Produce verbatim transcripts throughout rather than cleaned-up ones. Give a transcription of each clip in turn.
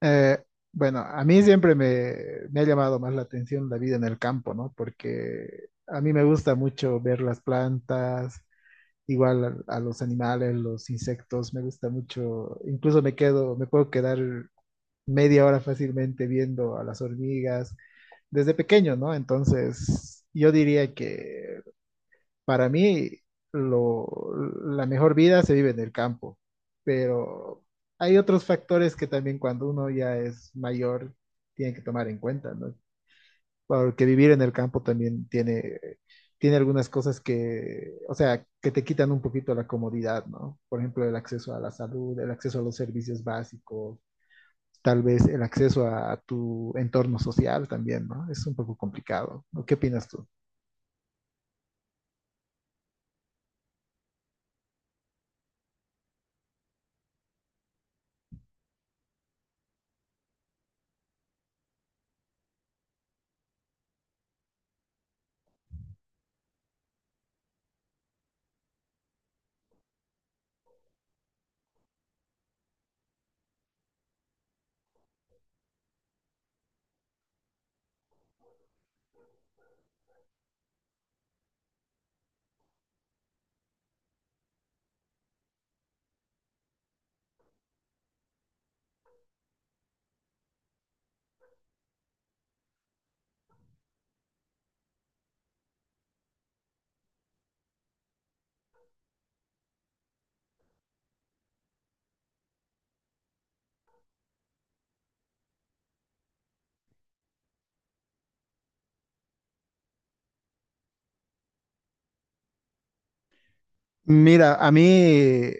Eh, bueno, a mí siempre me, me ha llamado más la atención la vida en el campo, ¿no? Porque a mí me gusta mucho ver las plantas, igual a, a los animales, los insectos, me gusta mucho, incluso me quedo, me puedo quedar media hora fácilmente viendo a las hormigas desde pequeño, ¿no? Entonces, yo diría que para mí, lo, la mejor vida se vive en el campo, pero hay otros factores que también cuando uno ya es mayor tiene que tomar en cuenta, ¿no? Porque vivir en el campo también tiene, tiene algunas cosas que, o sea, que te quitan un poquito la comodidad, ¿no? Por ejemplo, el acceso a la salud, el acceso a los servicios básicos, tal vez el acceso a, tu entorno social también, ¿no? Es un poco complicado, ¿no? ¿Qué opinas tú? Mira, a mí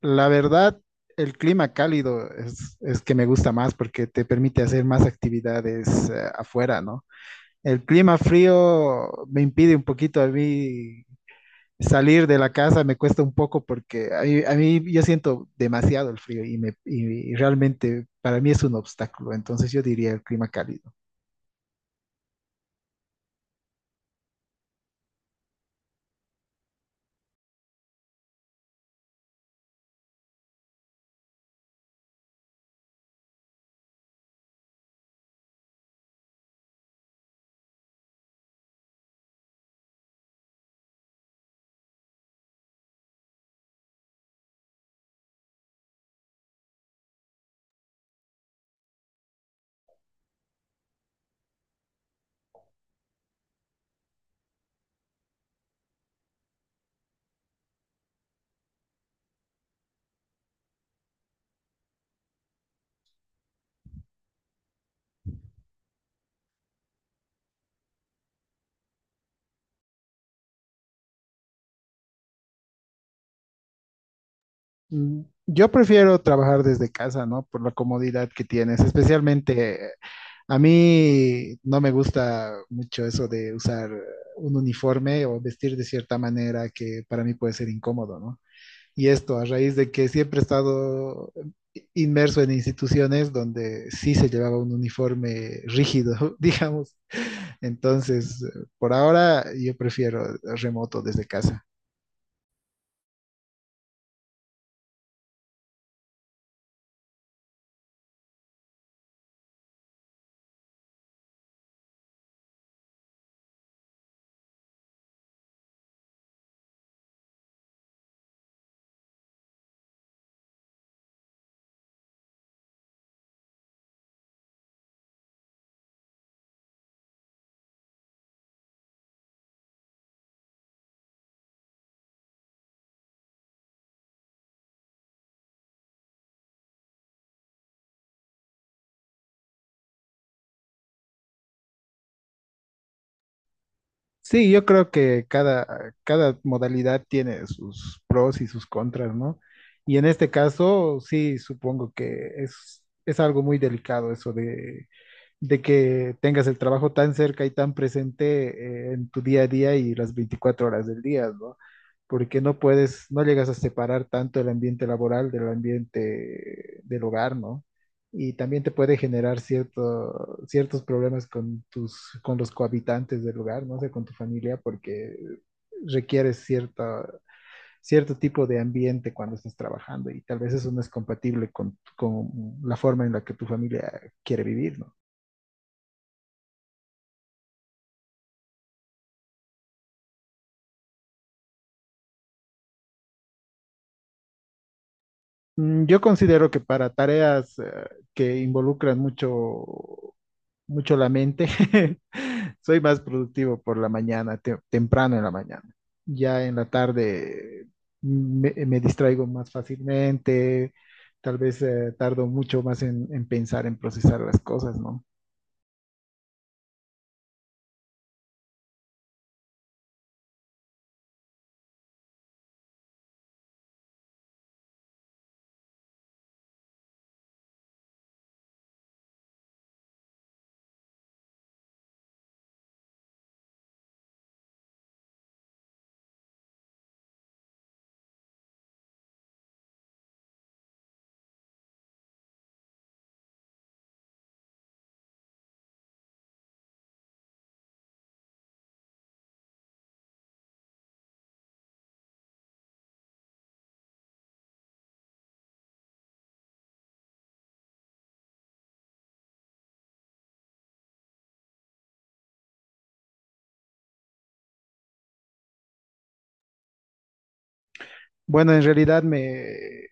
la verdad el clima cálido es, es que me gusta más porque te permite hacer más actividades eh, afuera, ¿no? El clima frío me impide un poquito a mí salir de la casa, me cuesta un poco porque a mí, a mí yo siento demasiado el frío y, me, y y realmente para mí es un obstáculo, entonces yo diría el clima cálido. Mm, Yo prefiero trabajar desde casa, ¿no? Por la comodidad que tienes. Especialmente eh, a mí no me gusta mucho eso de usar eh, un uniforme o vestir de cierta manera que para mí puede ser incómodo, ¿no? Y esto a raíz de que siempre he estado inmerso en instituciones donde sí se llevaba un uniforme rígido, digamos. Entonces, eh, por ahora yo prefiero remoto desde casa. Sí, yo creo que cada, cada modalidad tiene sus pros y sus contras, ¿no? Y en este caso, sí, supongo que es, es algo muy delicado eso de de que tengas el trabajo tan cerca y tan presente eh, en tu día a día y las veinticuatro horas del día, ¿no? Porque no puedes, no llegas a separar tanto el ambiente laboral del ambiente del hogar, ¿no? Y también te puede generar cierto, ciertos problemas con tus, con los cohabitantes del hogar, no sé, con tu familia, porque requieres cierta, cierto tipo de ambiente cuando estás trabajando y tal vez eso no es compatible con, con la forma en la que tu familia quiere vivir, ¿no? Mm, Yo considero que para tareas eh, que involucran mucho, mucho la mente, soy más productivo por la mañana, te- temprano en la mañana. Ya en la tarde me, me distraigo más fácilmente, tal vez eh, tardo mucho más en, en pensar, en procesar las cosas, ¿no? Bueno, en realidad me,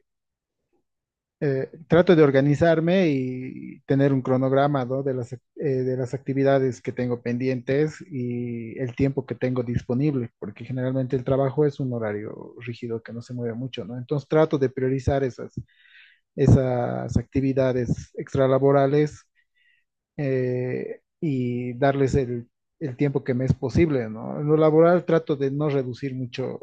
eh, trato de organizarme y tener un cronograma, ¿no? de las, ac- eh, de las actividades que tengo pendientes y el tiempo que tengo disponible, porque generalmente el trabajo es un horario rígido que no se mueve mucho, ¿no? Entonces trato de priorizar esas, esas actividades extralaborales eh, y darles el, el tiempo que me es posible, ¿no? En lo laboral trato de no reducir mucho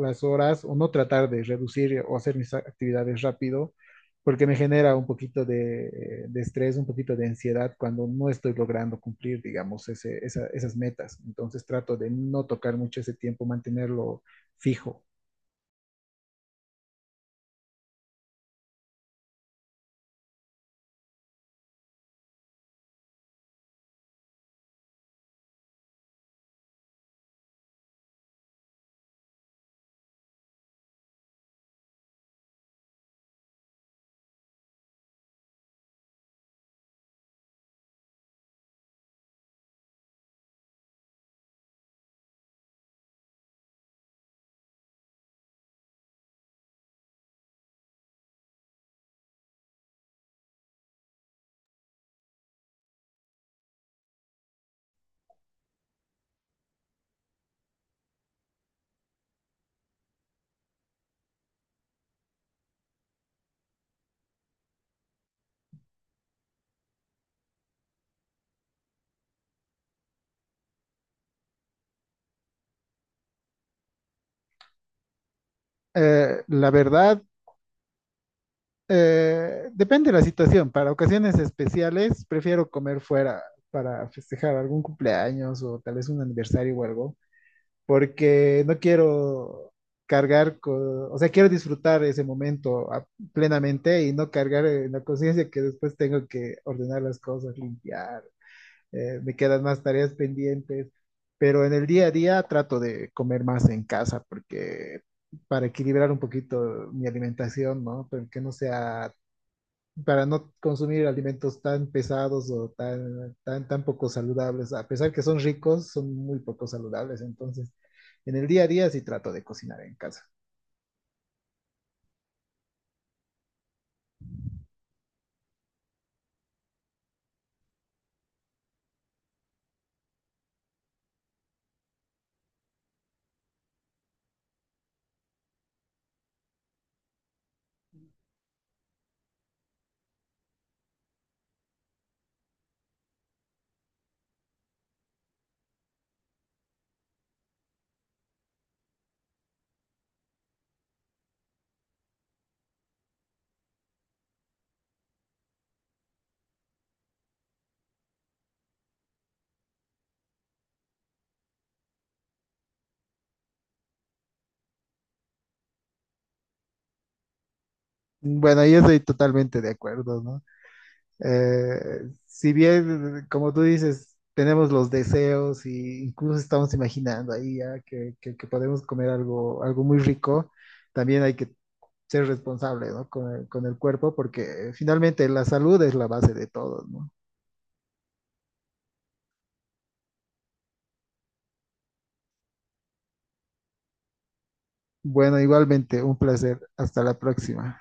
las horas o no tratar de reducir o hacer mis actividades rápido, porque me genera un poquito de, de estrés, un poquito de ansiedad cuando no estoy logrando cumplir, digamos, ese- esa- esas metas. Entonces trato de no tocar mucho ese tiempo, mantenerlo fijo. Eh, la verdad, Eh, depende de la situación. Para ocasiones especiales, prefiero comer fuera para festejar algún cumpleaños o tal vez un aniversario o algo, porque no quiero cargar, co- o sea, quiero disfrutar ese momento a- plenamente y no cargar en la conciencia que después tengo que ordenar las cosas, limpiar, eh, me quedan más tareas pendientes, pero en el día a día trato de comer más en casa porque para equilibrar un poquito mi alimentación, ¿no? Pero que no sea para no consumir alimentos tan pesados o tan, tan, tan poco saludables. A pesar que son ricos, son muy poco saludables. Entonces, en el día a día sí trato de cocinar en casa. Bueno, ahí estoy totalmente de acuerdo, ¿no? Eh, si bien, como tú dices, tenemos los deseos e incluso estamos imaginando ahí ya que, que- que podemos comer algo, algo muy rico, también hay que ser responsable, ¿no? con el, con el cuerpo, porque finalmente la salud es la base de todo, ¿no? Bueno, igualmente, un placer. Hasta la próxima.